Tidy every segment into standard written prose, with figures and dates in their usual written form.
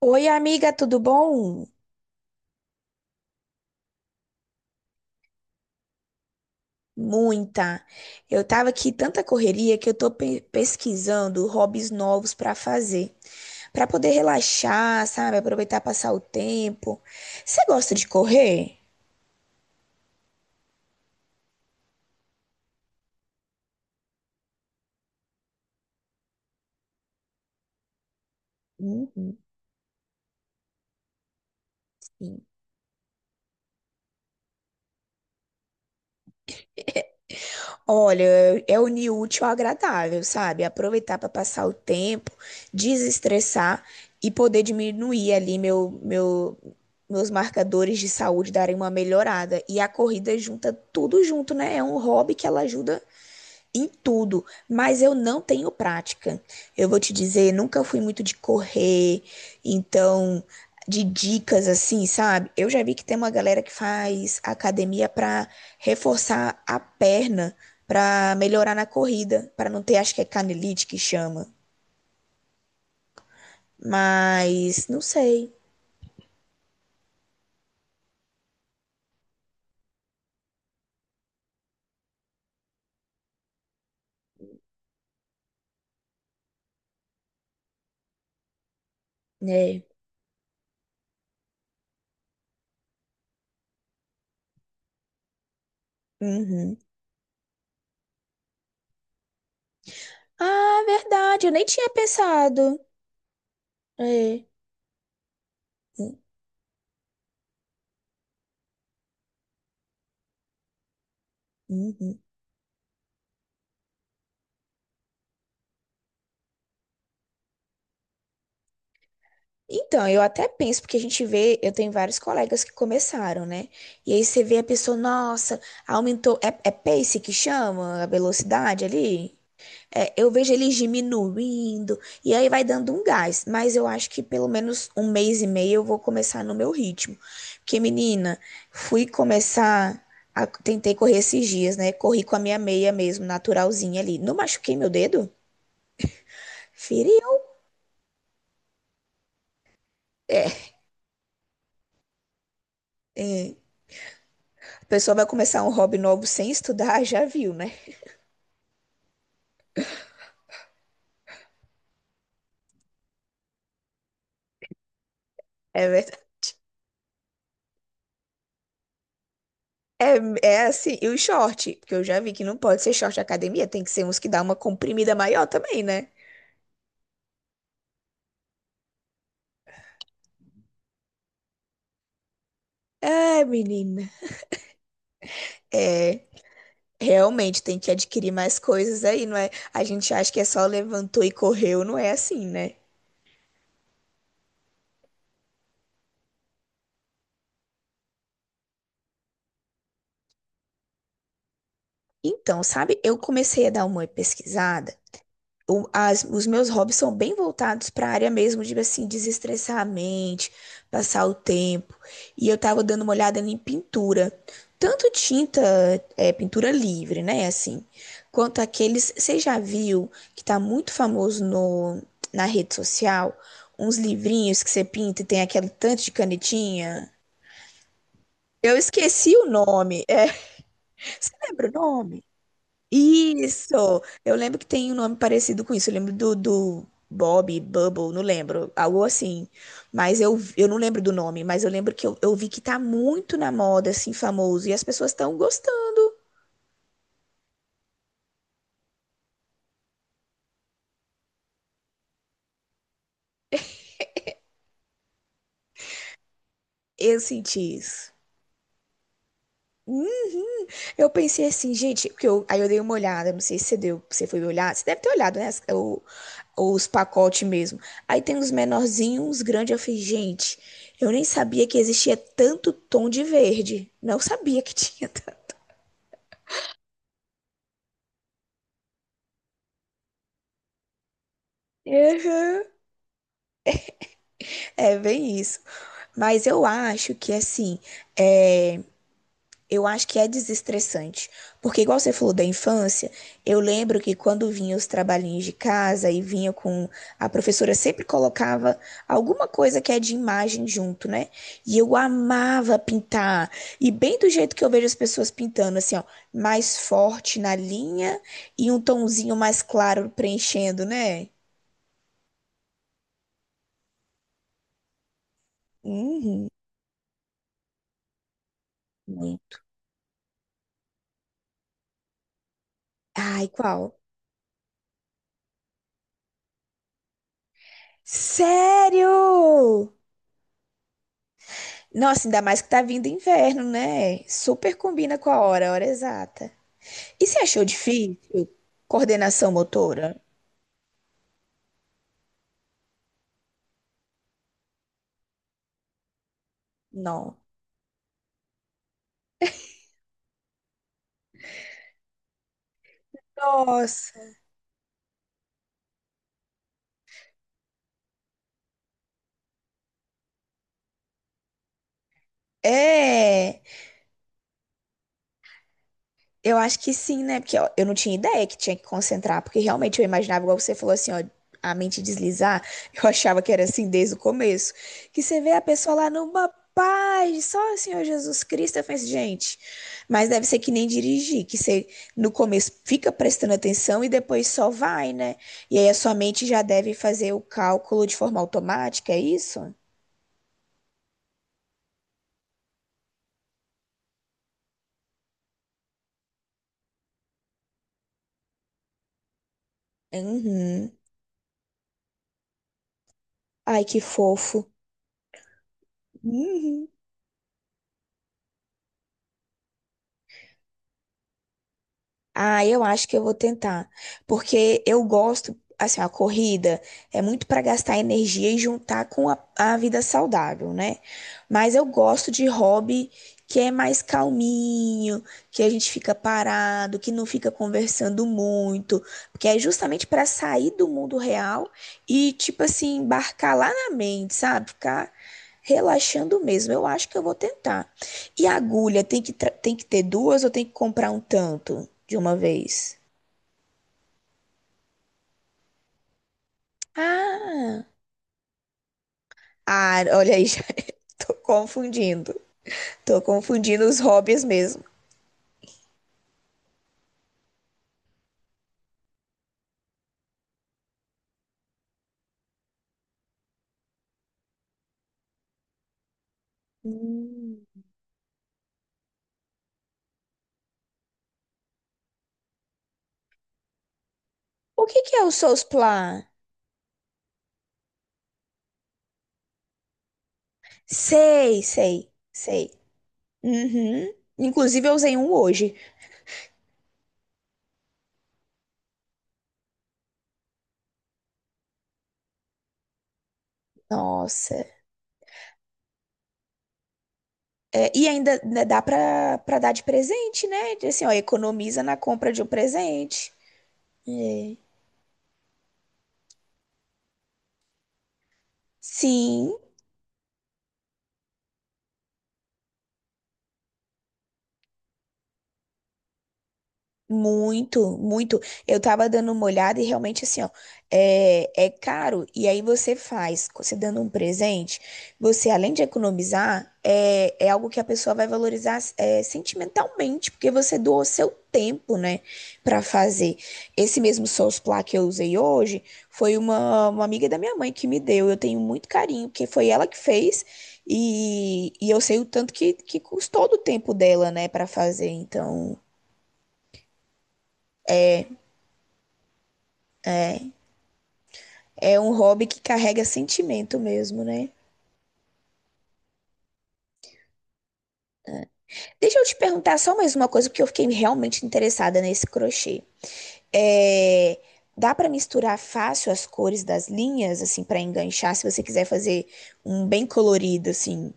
Oi, amiga, tudo bom? Muita. Eu tava aqui tanta correria que eu tô pesquisando hobbies novos pra fazer, pra poder relaxar, sabe? Aproveitar passar o tempo. Você gosta de correr? Uhum. Olha, é unir o útil ao agradável, sabe? Aproveitar para passar o tempo, desestressar e poder diminuir ali meus marcadores de saúde darem uma melhorada. E a corrida junta tudo junto, né? É um hobby que ela ajuda em tudo, mas eu não tenho prática. Eu vou te dizer, nunca fui muito de correr, então de dicas assim, sabe? Eu já vi que tem uma galera que faz academia para reforçar a perna, para melhorar na corrida, para não ter, acho que é canelite que chama, mas não sei, né? Uhum. Ah, verdade, eu nem tinha pensado. É. Uhum. Então, eu até penso, porque a gente vê, eu tenho vários colegas que começaram, né? E aí você vê a pessoa, nossa, aumentou, é pace que chama a velocidade ali? É, eu vejo eles diminuindo, e aí vai dando um gás. Mas eu acho que pelo menos um mês e meio eu vou começar no meu ritmo. Porque, menina, fui começar, tentei correr esses dias, né? Corri com a minha meia mesmo, naturalzinha ali. Não machuquei meu dedo? Feriu. É. É. A pessoa vai começar um hobby novo sem estudar, já viu, né? É, ver- é, é assim, e o short, porque eu já vi que não pode ser short de academia, tem que ser uns que dá uma comprimida maior também, né? É, menina. É, realmente tem que adquirir mais coisas aí, não é? A gente acha que é só levantou e correu, não é assim, né? Então, sabe, eu comecei a dar uma pesquisada os meus hobbies são bem voltados para a área mesmo de assim desestressar a mente, passar o tempo. E eu tava dando uma olhada em pintura, tanto tinta, é, pintura livre, né, assim, quanto aqueles, você já viu que tá muito famoso no na rede social, uns livrinhos que você pinta e tem aquele tanto de canetinha? Eu esqueci o nome. É, você lembra o nome? Isso! Eu lembro que tem um nome parecido com isso. Eu lembro do Bob, Bubble, não lembro. Algo assim. Mas eu não lembro do nome, mas eu lembro que eu vi que tá muito na moda, assim, famoso. E as pessoas estão gostando. Eu senti isso. Hum, eu pensei assim, gente, porque eu, aí eu dei uma olhada, não sei se você deu, você foi olhar, você deve ter olhado, né? Os pacotes mesmo. Aí tem uns menorzinhos, uns grandes. Eu falei, gente, eu nem sabia que existia tanto tom de verde. Não sabia que tinha. Uhum. É bem isso. Mas eu acho que assim, é, eu acho que é desestressante. Porque igual você falou da infância, eu lembro que quando vinha os trabalhinhos de casa e vinha com a professora sempre colocava alguma coisa que é de imagem junto, né? E eu amava pintar. E bem do jeito que eu vejo as pessoas pintando, assim, ó, mais forte na linha e um tonzinho mais claro preenchendo, né? Uhum. Ai, qual? Sério? Nossa, ainda mais que tá vindo inverno, né? Super combina com a hora exata. E você achou difícil? Coordenação motora? Não. Nossa. É. Eu acho que sim, né? Porque ó, eu não tinha ideia que tinha que concentrar, porque realmente eu imaginava, igual você falou assim, ó, a mente deslizar, eu achava que era assim desde o começo. Que você vê a pessoa lá numa paz, só o Senhor Jesus Cristo, eu falei assim, gente, mas deve ser que nem dirigir, que você no começo fica prestando atenção e depois só vai, né? E aí a sua mente já deve fazer o cálculo de forma automática, é isso? Uhum. Ai, que fofo. Uhum. Ah, eu acho que eu vou tentar, porque eu gosto, assim, a corrida é muito para gastar energia e juntar com a vida saudável, né? Mas eu gosto de hobby que é mais calminho, que a gente fica parado, que não fica conversando muito, porque é justamente para sair do mundo real e, tipo assim, embarcar lá na mente, sabe? Ficar relaxando mesmo. Eu acho que eu vou tentar. E a agulha tem que, tem que ter duas ou tem que comprar um tanto? De uma vez. Ah, ah, olha aí, já tô confundindo. Tô confundindo os hobbies mesmo. Hum. O que que é o Soulsplan? Sei, sei, sei. Uhum. Inclusive, eu usei um hoje. Nossa. É, e ainda né, dá pra dar de presente, né? Assim, ó, economiza na compra de um presente. É. Sim. Muito, muito. Eu tava dando uma olhada e realmente assim, ó, é, é caro. E aí você faz, você dando um presente, você além de economizar, é, é algo que a pessoa vai valorizar é, sentimentalmente, porque você doou seu tempo, né, pra fazer. Esse mesmo Souls Plá que eu usei hoje foi uma amiga da minha mãe que me deu. Eu tenho muito carinho, porque foi ela que fez. E eu sei o tanto que custou do tempo dela, né, pra fazer. Então. É um hobby que carrega sentimento mesmo, né? Deixa eu te perguntar só mais uma coisa, porque eu fiquei realmente interessada nesse crochê. É, dá para misturar fácil as cores das linhas, assim, para enganchar, se você quiser fazer um bem colorido, assim.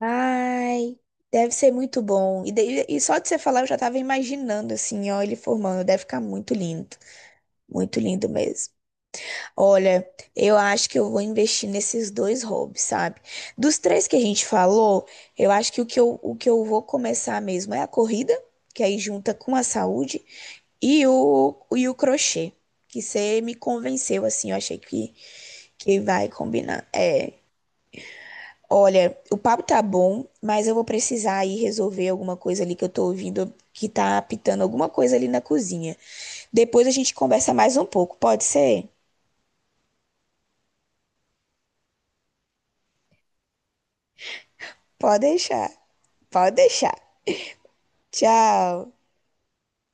Ai, deve ser muito bom. E só de você falar, eu já tava imaginando, assim, ó, ele formando. Deve ficar muito lindo. Muito lindo mesmo. Olha, eu acho que eu vou investir nesses dois hobbies, sabe? Dos três que a gente falou, eu acho que o que eu vou começar mesmo é a corrida, que aí junta com a saúde, e o crochê, que você me convenceu, assim, eu achei que vai combinar. É, olha, o papo tá bom, mas eu vou precisar ir resolver alguma coisa ali que eu tô ouvindo que tá apitando alguma coisa ali na cozinha. Depois a gente conversa mais um pouco, pode ser? Pode deixar, pode deixar. Tchau.